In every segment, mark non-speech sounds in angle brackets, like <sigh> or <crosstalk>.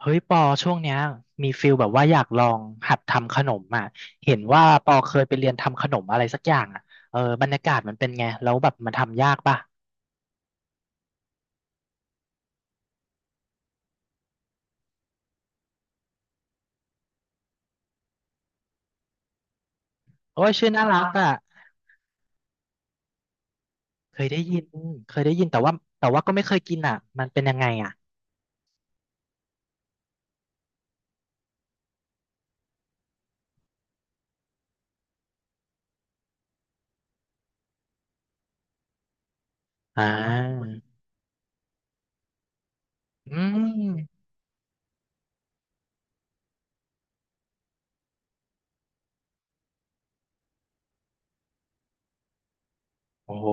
เฮ้ยปอช่วงเนี้ยมีฟิลแบบว่าอยากลองหัดทำขนมอ่ะเห็นว่าปอเคยไปเรียนทำขนมอะไรสักอย่างอ่ะเออบรรยากาศมันเป็นไงแล้วแบบมันทำยากป่ะโอ้ยชื่อน่ารักอ่ะเคยได้ยินเคยได้ยินแต่ว่าก็ไม่เคยกินอ่ะมันเป็นยังไงอ่ะอ่าอืมโอ้โห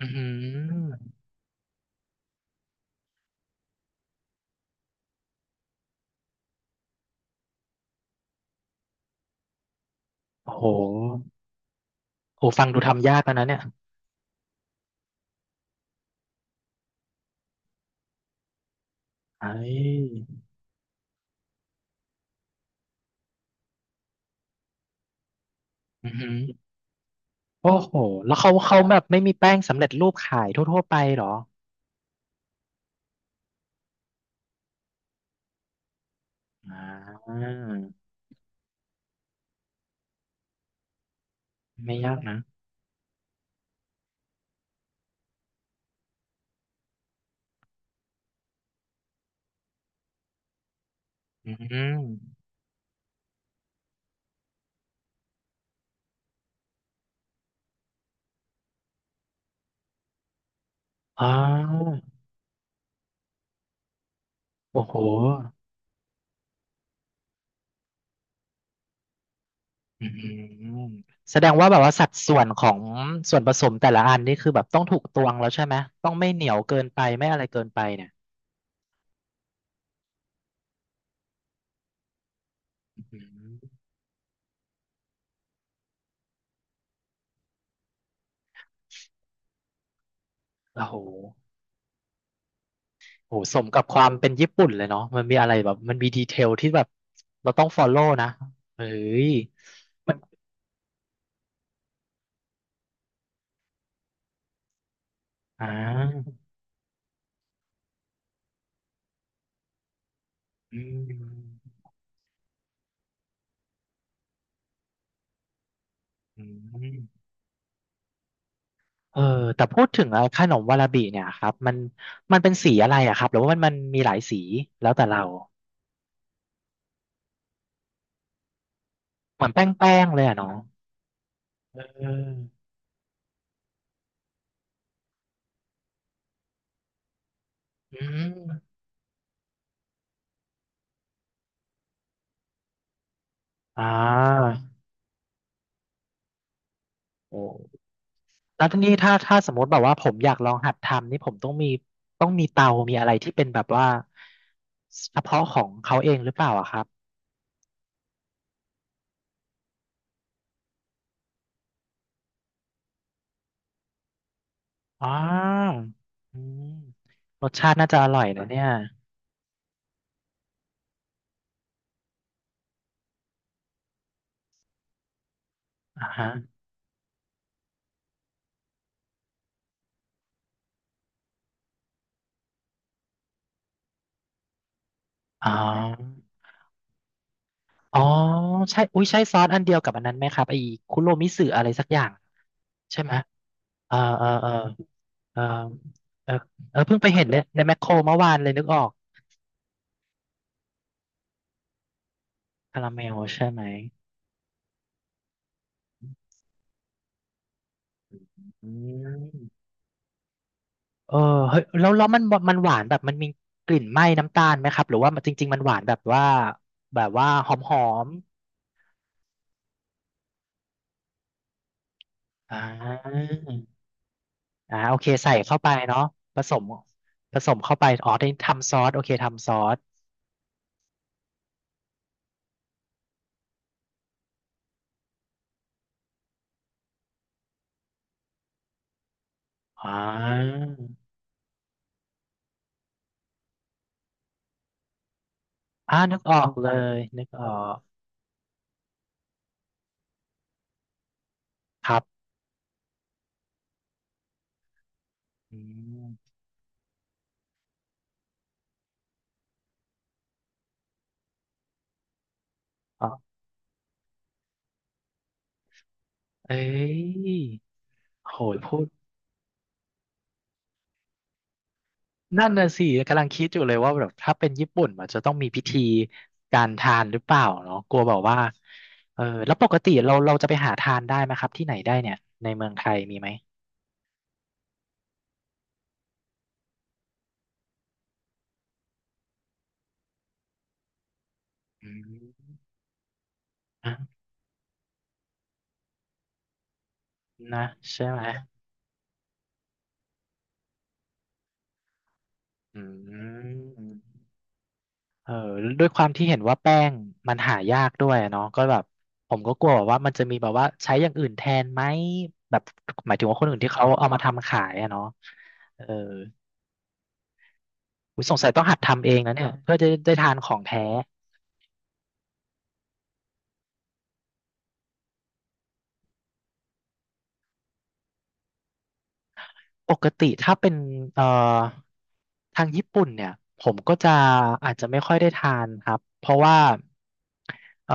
อืมโอ้โหโอ้ฟังดูทำยากแล้วนะเนี่ยไอ้อือหือโอ้โหแล้วเขาแบบไม่มีแป้งสำเร็จรูปขายทั่วๆไปเหรออ่า ไม่ยากนะอืมอ๋อโอ้โหอืมแสดงว่าแบบว่าสัดส่วนของส่วนผสมแต่ละอันนี่คือแบบต้องถูกตวงแล้วใช่ไหม ต้องไม่เหนียวเกินไปไม่อะไรเกินไปเนี่ยอืมโอ้โหโอ้โหสมกับความเป็นญี่ปุ่นเลยเนาะมันมีอะไรแบบมันมีดีเทลที่แบบเราต้องฟอลโล่นะเฮ้ยมันอ่าอืมอืม เออแต่พูดถึงไอ้ขนมวาราบิเนี่ยครับมันเป็นสีอะไรอะครับหรือว่ามันมีหลายสีแล้วแต่เราเหมือนแป้งเลยอะเนาะเอออืมอ่าโอ้แล้วทีนี้ถ้าสมมติแบบว่าผมอยากลองหัดทำนี่ผมต้องมีเตา มีอะไรที่เป็นแบบว่าเฉพาะของเขาเองหรือเปล่าอะครับอ่าอืมรสชาติน่าจะอร่อยนะเนี่ยอ่าฮะอ๋อ อ๋อใช่อุ้ยใช่ซอสอันเดียวกับอันนั้นไหมครับไอ้คุโรมิสึอะไรสักอย่างใช่ไหมเออเออเออเออเออเออเพิ่งไปเห็นในแมคโครเมื่อวานเลยนึกออกคาราเมลใช่ไหมอืมเออเฮ้ยแล้วมันหวานแบบมันมีกลิ่นไหม้น้ำตาลไหมครับหรือว่ามันจริงๆมันหวานแบบว่าหอมมอ่าอ่าโอเคใส่เข้าไปเนาะผสมเข้าไปอ๋อได้ทำซอสโอเคทำซอสอ่า อ่านึกออกเลยนึกออกครับอืมอ๋อเอ้ยโหยพูดนั่นน่ะสิกำลังคิดอยู่เลยว่าแบบถ้าเป็นญี่ปุ่นมันจะต้องมีพิธีการทานหรือเปล่าเนาะกลัวแบบว่าเออแล้วปกติเราจะไปหาทานได้ไหมครับที่ไหนได้เนี่ยในเมืองไทยมีไหมอืมอ่ะนะใช่ไหมอืม เออด้วยความที่เห็นว่าแป้งมันหายากด้วยอะเนาะก็แบบผมก็กลัวแบบว่ามันจะมีแบบว่าใช้อย่างอื่นแทนไหมแบบหมายถึงว่าคนอื่นที่เขาเอามาทำขายอะเนาะเอออุ๊ยสงสัยต้องหัดทำเองนะเนี่ยเพื่อจะได้ทานของแท้ ปกติถ้าเป็นเอ่อทางญี่ปุ่นเนี่ยผมก็จะอาจจะไม่ค่อยได้ทานครับเพราะว่าเอ่อ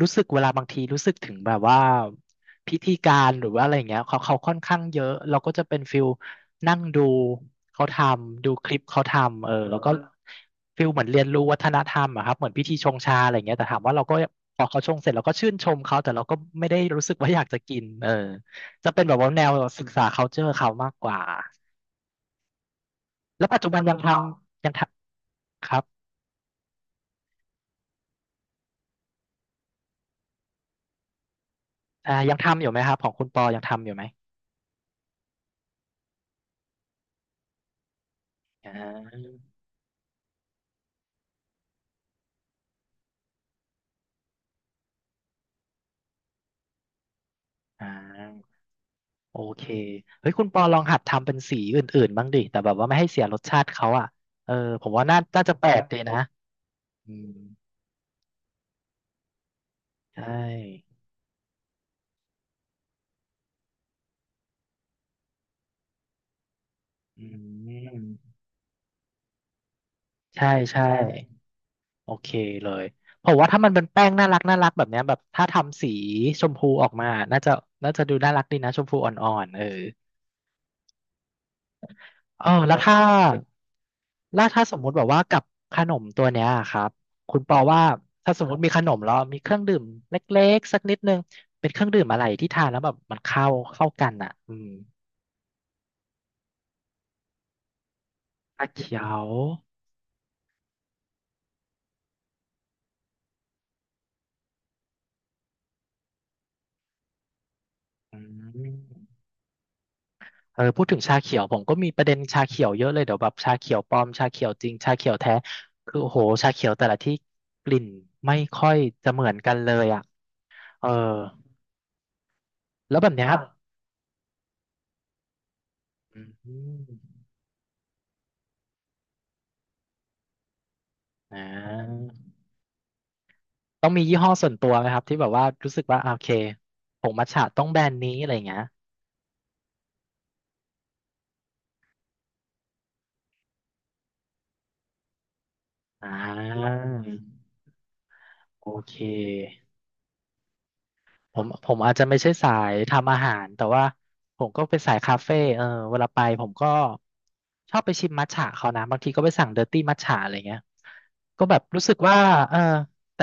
รู้สึกเวลาบางทีรู้สึกถึงแบบว่าพิธีการหรือว่าอะไรอย่างเงี้ยเขาค่อนข้างเยอะเราก็จะเป็นฟิลนั่งดูเขาทำดูคลิปเขาทำเออแล้วก็ฟิลเหมือนเรียนรู้วัฒนธรรมอะครับเหมือนพิธีชงชาอะไรอย่างเงี้ยแต่ถามว่าเราก็พอเขาชงเสร็จเราก็ชื่นชมเขาแต่เราก็ไม่ได้รู้สึกว่าอยากจะกินเออ จะเป็นแบบว่าแนวศึกษา culture เขามากกว่าแล้วปัจจุบันยังทำยังทำครับอ่ายังทำอยู่ไหมครับของคุณปอยังทำอยู่ไหมอ่าอ่าโอเคเฮ้ยคุณปอลองหัดทำเป็นสีอื่นๆบ้างดิแต่แบบว่าไม่ให้เสียรสชาติเขาอ่ะเออผมว่าน่าจะแปลกดีนะอืมใช่อืมใช่ใช่โอเคเลยผมว่าถ้ามันเป็นแป้งน่ารักแบบเนี้ยแบบถ้าทำสีชมพูออกมาน่าจะดูน่ารักดีนะชมพูอ่อนๆเออ เออแล้วถ้าสมมุติแบบว่ากับขนมตัวเนี้ยครับคุณปอว่าถ้าสมมติมีขนมแล้วมีเครื่องดื่มเล็กๆสักนิดนึงเป็นเครื่องดื่มอะไรที่ทานแล้วแบบมันเข้ากันอ่ะอืมชาเขียวอืมเออพูดถึงชาเขียวผมก็มีประเด็นชาเขียวเยอะเลยเดี๋ยวแบบชาเขียวปลอมชาเขียวจริงชาเขียวแท้คือโอ้โหชาเขียวแต่ละที่กลิ่นไม่ค่อยจะเหมือนกันเลยอ่ะเออแล้วแบบเนี้ยครับอืมอ่า ต้องมียี่ห้อส่วนตัวไหมครับที่แบบว่ารู้สึกว่าอ่ะโอเคผงมัทฉะต้องแบรนด์นี้อะไรอย่างเงี้ยอ่าโอเคผมอาจจะไม่ใช่สายทำอาหารแต่ว่าผมก็เป็นสายคาเฟ่เออเวลาไปผมก็ชอบไปชิมมัทฉะเขานะบางทีก็ไปสั่งเดอร์ตี้มัทฉะอะไรเงี้ยก็แบบรู้สึกว่าเออแต่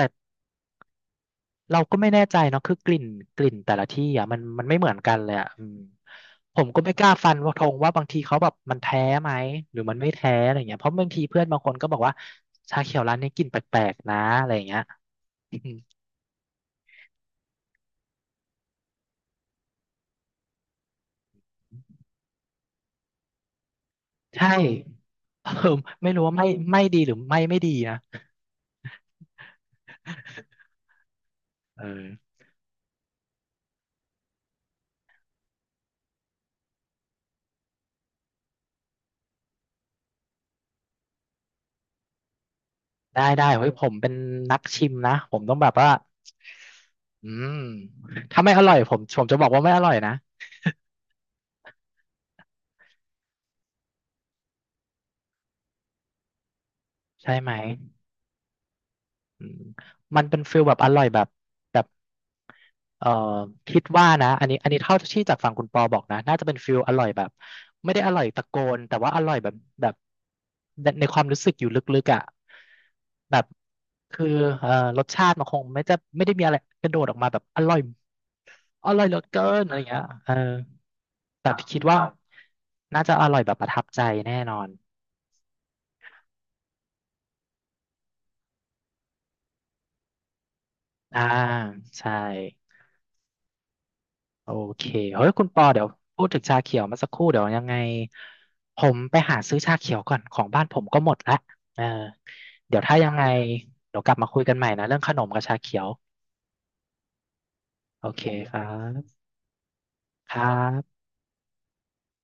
เราก็ไม่แน่ใจเนาะคือกลิ่นแต่ละที่อ่ะมันไม่เหมือนกันเลยอ่ะอืมผมก็ไม่กล้าฟันว่าธงว่าบางทีเขาแบบมันแท้ไหมหรือมันไม่แท้อะไรเงี้ยเพราะบางทีเพื่อนบางคนก็บอกว่าชาเขียวร้านนี้กลิ่นแปลกๆนะอะไรเงี้ย <laughs> อืมใช่ <laughs> เออไม่รู้ว่าไม่ดีหรือไม่ดีนะเออได้ได้เฮ้ยผมเป็นนักชิมนะผมต้องแบบว่าอืมถ้าไม่อร่อยผมจะบอกว่าไม่อร่อยนะใช่ไหม อืมมันเป็นฟิลแบบอร่อยแบบแบบเอ่อคิดว่านะอันนี้เท่าที่จากฝั่งคุณปอบอกนะน่าจะเป็นฟิลอร่อยแบบไม่ได้อร่อยตะโกนแต่ว่าอร่อยแบบแบบในความรู้สึกอยู่ลึกๆอ่ะแบบคือเอ่อรสชาติมันคงไม่จะไม่ได้มีอะไรกระโดดออกมาแบบอร่อยเหลือเกินอะไรอย่างเงี้ยเออแต่คิดว่าน่าจะอร่อยแบบประทับใจแน่นอนอ่าใช่ โอเคเฮ้ยคุณปอเดี๋ยวพูดถึงชาเขียวมาสักครู่ เดี๋ยวยังไงผมไปหาซื้อชาเขียวก่อน ของบ้านผมก็หมดละเออเดี๋ยวถ้ายังไงเดี๋ยวกลับมาคุยกันใหม่นะเรื่องขนมกับชาเขียว โอเคครับครับ